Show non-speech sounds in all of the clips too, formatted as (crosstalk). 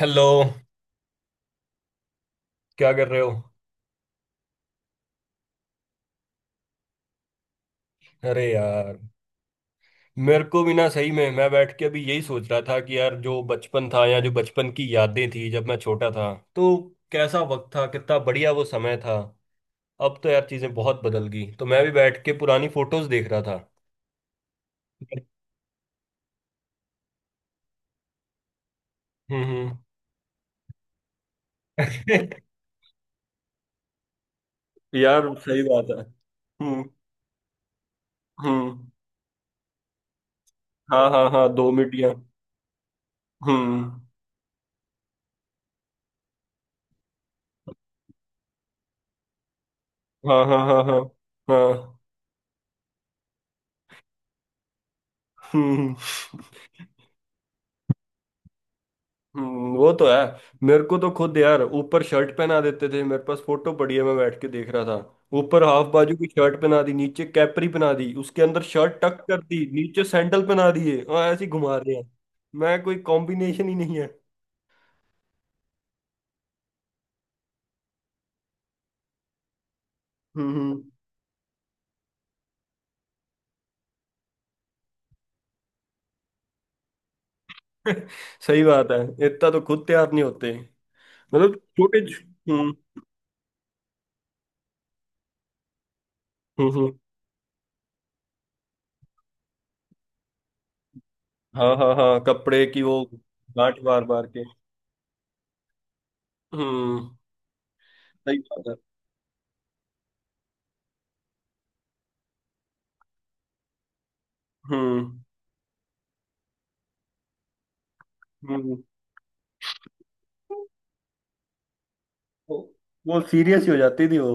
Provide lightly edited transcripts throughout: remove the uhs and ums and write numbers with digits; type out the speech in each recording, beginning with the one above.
Hello. क्या कर रहे हो? अरे यार, मेरे को भी ना सही में मैं बैठ के अभी यही सोच रहा था कि यार जो बचपन था या जो बचपन की यादें थी जब मैं छोटा था तो कैसा वक्त था, कितना बढ़िया वो समय था। अब तो यार चीजें बहुत बदल गई, तो मैं भी बैठ के पुरानी फोटोज देख रहा था। हम्म। हम्म। (laughs) यार, सही बात है। हम्म। हम्म। हाँ, हाँ, हाँ, दो मिट्टियाँ। हम्म। हाँ, हाँ, हाँ, हाँ, हाँ। हम्म। वो तो है। मेरे को तो खुद यार ऊपर शर्ट पहना देते थे, मेरे पास फोटो पड़ी है, मैं बैठ के देख रहा था। ऊपर हाफ बाजू की शर्ट पहना दी, नीचे कैपरी पहना दी, उसके अंदर शर्ट टक कर दी, नीचे सैंडल पहना दिए और ऐसे ही घुमा रहे हैं। मैं कोई कॉम्बिनेशन ही नहीं है। हम्म। (laughs) सही बात है। इतना तो खुद तैयार नहीं होते, मतलब छोटे। हम्म। हम्म। हाँ, हाँ, हाँ, कपड़े की वो। गांठ बार बार के। हम्म। सही बात है। हम्म। हम्म। वो वो सीरियस ही हो जाती थी वो।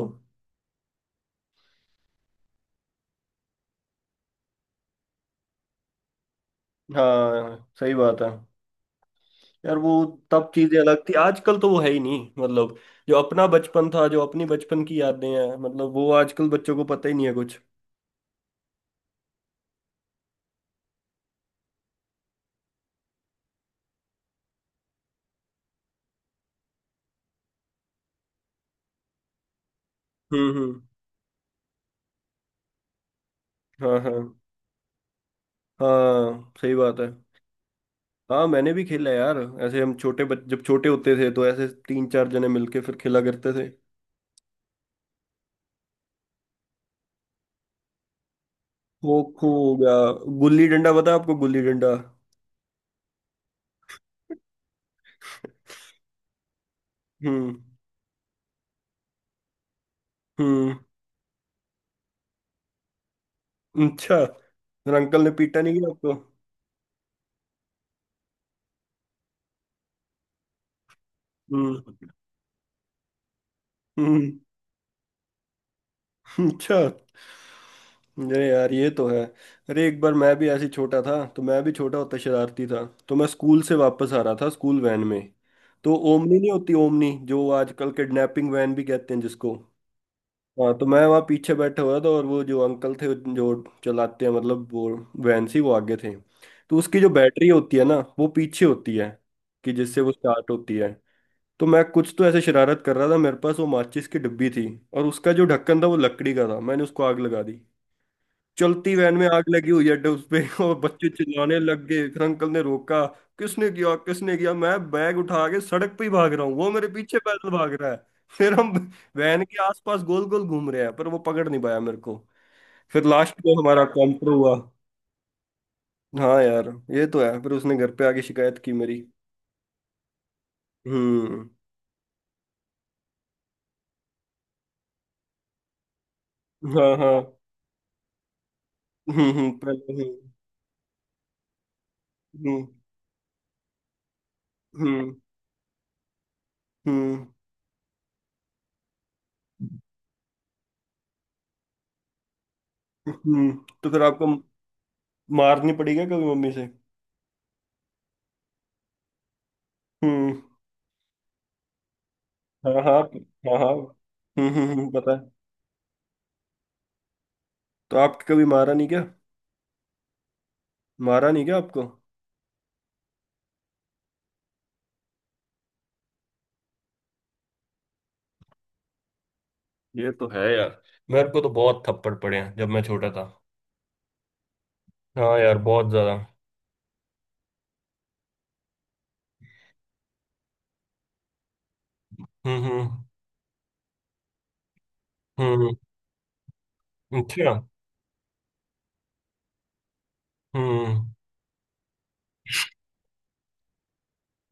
हाँ, सही बात है यार, वो। तब चीजें अलग थी, आजकल तो वो है ही नहीं, मतलब जो अपना बचपन था, जो अपनी बचपन की यादें हैं, मतलब वो आजकल बच्चों को पता ही नहीं है कुछ। हम्म। हम्म। हाँ, हाँ, हाँ, सही बात है। हाँ, मैंने भी खेला यार। ऐसे हम छोटे बच जब छोटे होते थे तो ऐसे तीन चार जने मिलके फिर खेला करते थे। खो खो हो गया। गुल्ली डंडा, पता है आपको गुल्ली डंडा? (laughs) हम्म। हम्म। अच्छा। मेरे अंकल ने पीटा नहीं गया आपको? हम्म। हम्म। (laughs) अच्छा। अरे यार, ये तो है। अरे एक बार मैं भी ऐसे ही छोटा था, तो मैं भी छोटा होता शरारती था, तो मैं स्कूल से वापस आ रहा था स्कूल वैन में। तो ओमनी नहीं होती, ओमनी जो आजकल किडनैपिंग वैन भी कहते हैं जिसको। हाँ, तो मैं वहाँ पीछे बैठा हुआ था और वो जो अंकल थे, जो चलाते हैं, मतलब वो वैन सी, वो आगे थे। तो उसकी जो बैटरी होती है ना, वो पीछे होती है, कि जिससे वो स्टार्ट होती है। तो मैं कुछ तो ऐसे शरारत कर रहा था, मेरे पास वो माचिस की डिब्बी थी और उसका जो ढक्कन था वो लकड़ी का था, मैंने उसको आग लगा दी। चलती वैन में आग लगी हुई है, उस पे। (laughs) और बच्चे चिल्लाने लग गए, फिर अंकल ने रोका, किसने किया, किसने किया? मैं बैग उठा के सड़क पे ही भाग रहा हूँ, वो मेरे पीछे पैदल भाग रहा है। (laughs) फिर हम वैन के आसपास गोल गोल घूम रहे हैं पर वो पकड़ नहीं पाया मेरे को। फिर लास्ट में हमारा काउंटर हुआ। हाँ यार, ये तो है। फिर उसने घर पे आके शिकायत की मेरी। हम्म। हाँ, हाँ। हम्म। हम्म, पहले, हम्म। हम्म। हम्म। हम्म। हम्म। तो फिर आपको मारनी पड़ी क्या कभी मम्मी से? हम्म। हाँ, हाँ, हाँ, हाँ। हम्म। हम्म। पता है। तो आपके कभी मारा नहीं क्या? मारा नहीं क्या आपको? ये तो है यार। मेरे को तो बहुत थप्पड़ पड़े हैं जब मैं छोटा था। हाँ यार, बहुत ज्यादा। हम्म। हम्म। हम्म। अच्छा। हम्म।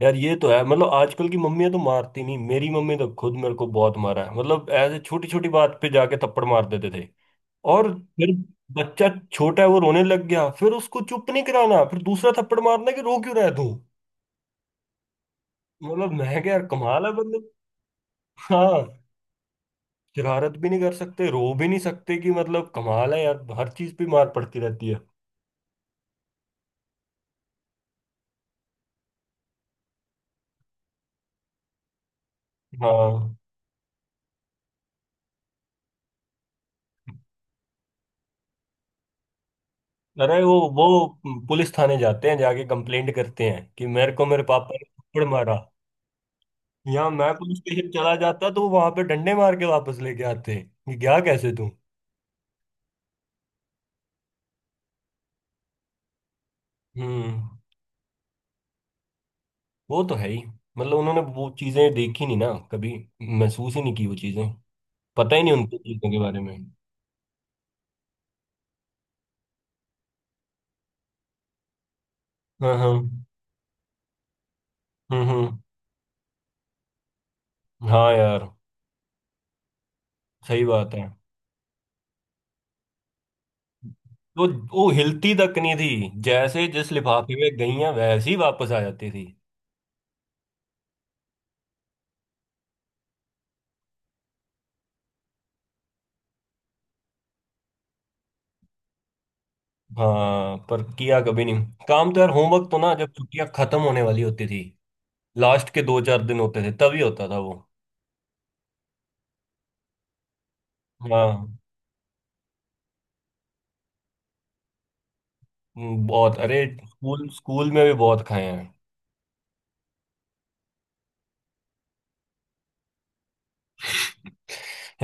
यार, ये तो है, मतलब आजकल की मम्मियां तो मारती नहीं, मेरी मम्मी तो खुद मेरे को बहुत मारा है, मतलब ऐसे छोटी छोटी बात पे जाके थप्पड़ मार देते थे। और फिर बच्चा छोटा है वो रोने लग गया, फिर उसको चुप नहीं कराना, फिर दूसरा थप्पड़ मारना कि रो क्यों रहा है तू। मतलब मैं क्या यार, कमाल है मतलब। हाँ। शरारत भी नहीं कर सकते, रो भी नहीं सकते कि, मतलब कमाल है यार, हर चीज पे मार पड़ती रहती है। हाँ। अरे वो पुलिस थाने जाते हैं, जाके कंप्लेंट करते हैं कि मेरे को मेरे पापा ने थप्पड़ मारा। या मैं पुलिस स्टेशन चला जाता तो वहां पे डंडे मार के वापस लेके आते कि क्या, कैसे तू। हम्म। वो तो है ही, मतलब उन्होंने वो चीजें देखी नहीं ना कभी, महसूस ही नहीं की वो चीजें, पता ही नहीं उनको चीजों के बारे में। हाँ, हाँ। हम्म। हम्म। हाँ यार। सही बात है। तो वो हिलती तक नहीं थी, जैसे जिस लिफाफे में गई हैं वैसे ही वापस आ जाती थी। हाँ, पर किया कभी नहीं काम तो यार, होमवर्क तो ना जब छुट्टियां खत्म होने वाली होती थी, लास्ट के दो चार दिन होते थे तभी होता था वो। हाँ। बहुत। अरे स्कूल स्कूल में भी बहुत खाए हैं।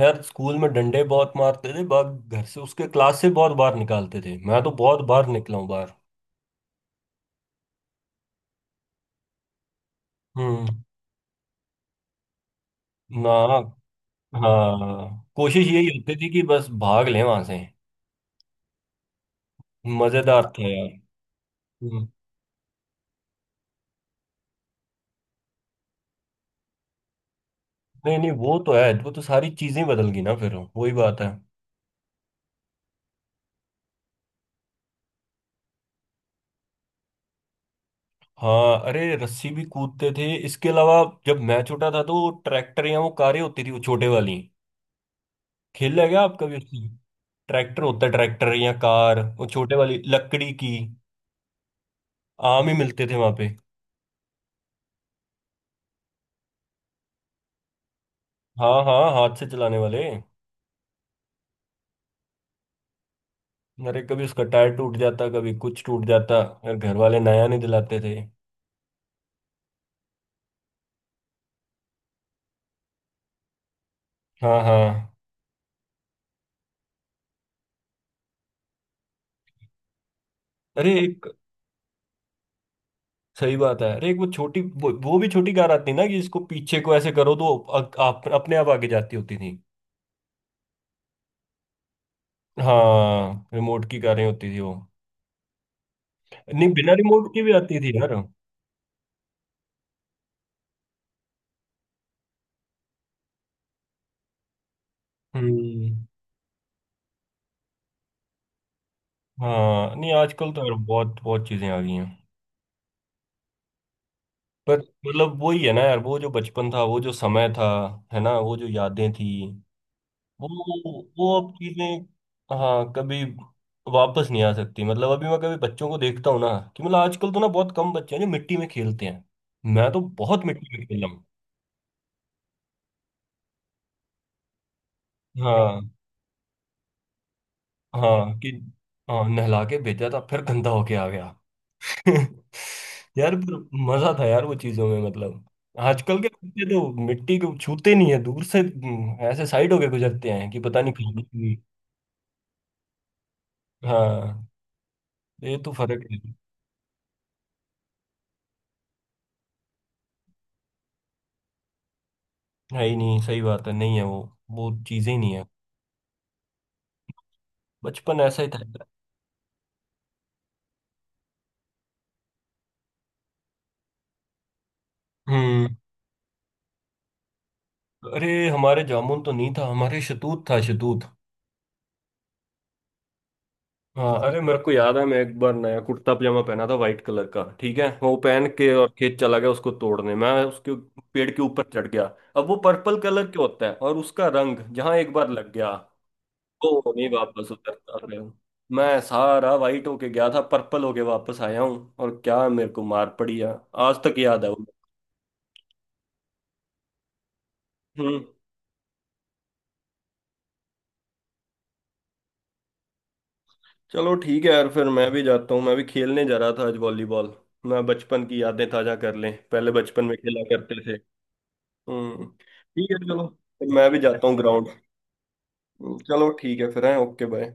यार स्कूल में डंडे बहुत मारते थे, बग घर से उसके क्लास से बहुत बार निकालते थे, मैं तो बहुत बार निकला हूँ बाहर। हम्म। ना। हाँ, कोशिश यही होती थी कि बस भाग लें वहां से। मजेदार था यार। हम्म, नहीं नहीं, वो तो है, वो तो सारी चीजें बदल गई ना, फिर वही बात है। हाँ, अरे रस्सी भी कूदते थे, इसके अलावा जब मैं छोटा था तो वो ट्रैक्टर या वो कारें होती थी, वो छोटे वाली। खेला है क्या आप कभी उसकी? ट्रैक्टर होता है, ट्रैक्टर या कार, वो छोटे वाली लकड़ी की। आम ही मिलते थे वहां पे। हाँ, हाँ, हाथ से चलाने वाले। अरे कभी उसका टायर टूट जाता, कभी कुछ टूट जाता और घर वाले नया नहीं दिलाते थे। हाँ, हाँ, अरे एक। सही बात है, अरे एक वो छोटी वो भी छोटी कार आती ना कि इसको पीछे को ऐसे करो तो आप अपने आप आगे जाती होती थी। हाँ, रिमोट की कारें होती थी वो। नहीं, बिना रिमोट की भी आती थी यार। हम्म। हाँ, नहीं आजकल तो यार बहुत बहुत चीजें आ गई हैं। पर मतलब वही है ना यार, वो जो बचपन था, वो जो समय था, है ना, वो जो यादें थी, वो अब चीजें, हाँ कभी वापस नहीं आ सकती। मतलब अभी मैं कभी बच्चों को देखता हूँ ना, कि मतलब आजकल तो ना बहुत कम बच्चे हैं जो मिट्टी में खेलते हैं, मैं तो बहुत मिट्टी में खेला हूँ। हाँ। हाँ कि हाँ, नहला के भेजा था फिर गंदा होके आ गया। (laughs) यार, पर मजा था यार वो चीजों में, मतलब आजकल के बच्चे तो मिट्टी को छूते नहीं है दूर से, ऐसे साइड होके गुजरते हैं कि पता नहीं कहाँ। हाँ, ये तो फर्क है। है ही नहीं, सही बात है, नहीं है वो चीजें ही नहीं है। बचपन ऐसा ही था। हम्म। अरे हमारे जामुन तो नहीं था, हमारे शतूत था, शतूत। हाँ, अरे मेरे को याद है, मैं एक बार नया कुर्ता पजामा पहना था वाइट कलर का, ठीक है, वो पहन के और खेत चला गया उसको तोड़ने, मैं उसके पेड़ के ऊपर चढ़ गया। अब वो पर्पल कलर के होता है और उसका रंग जहाँ एक बार लग गया, वो नहीं वापस उतरता। अरे मैं सारा वाइट होके गया था, पर्पल होके वापस आया हूँ, और क्या मेरे को मार पड़ी है, आज तक याद है वो। हम्म। चलो ठीक है यार, फिर मैं भी जाता हूँ, मैं भी खेलने जा रहा था आज वॉलीबॉल। मैं बचपन की यादें ताजा कर लें, पहले बचपन में खेला करते थे। हम्म। ठीक है चलो, फिर मैं भी जाता हूँ ग्राउंड। चलो ठीक है फिर, है, ओके बाय।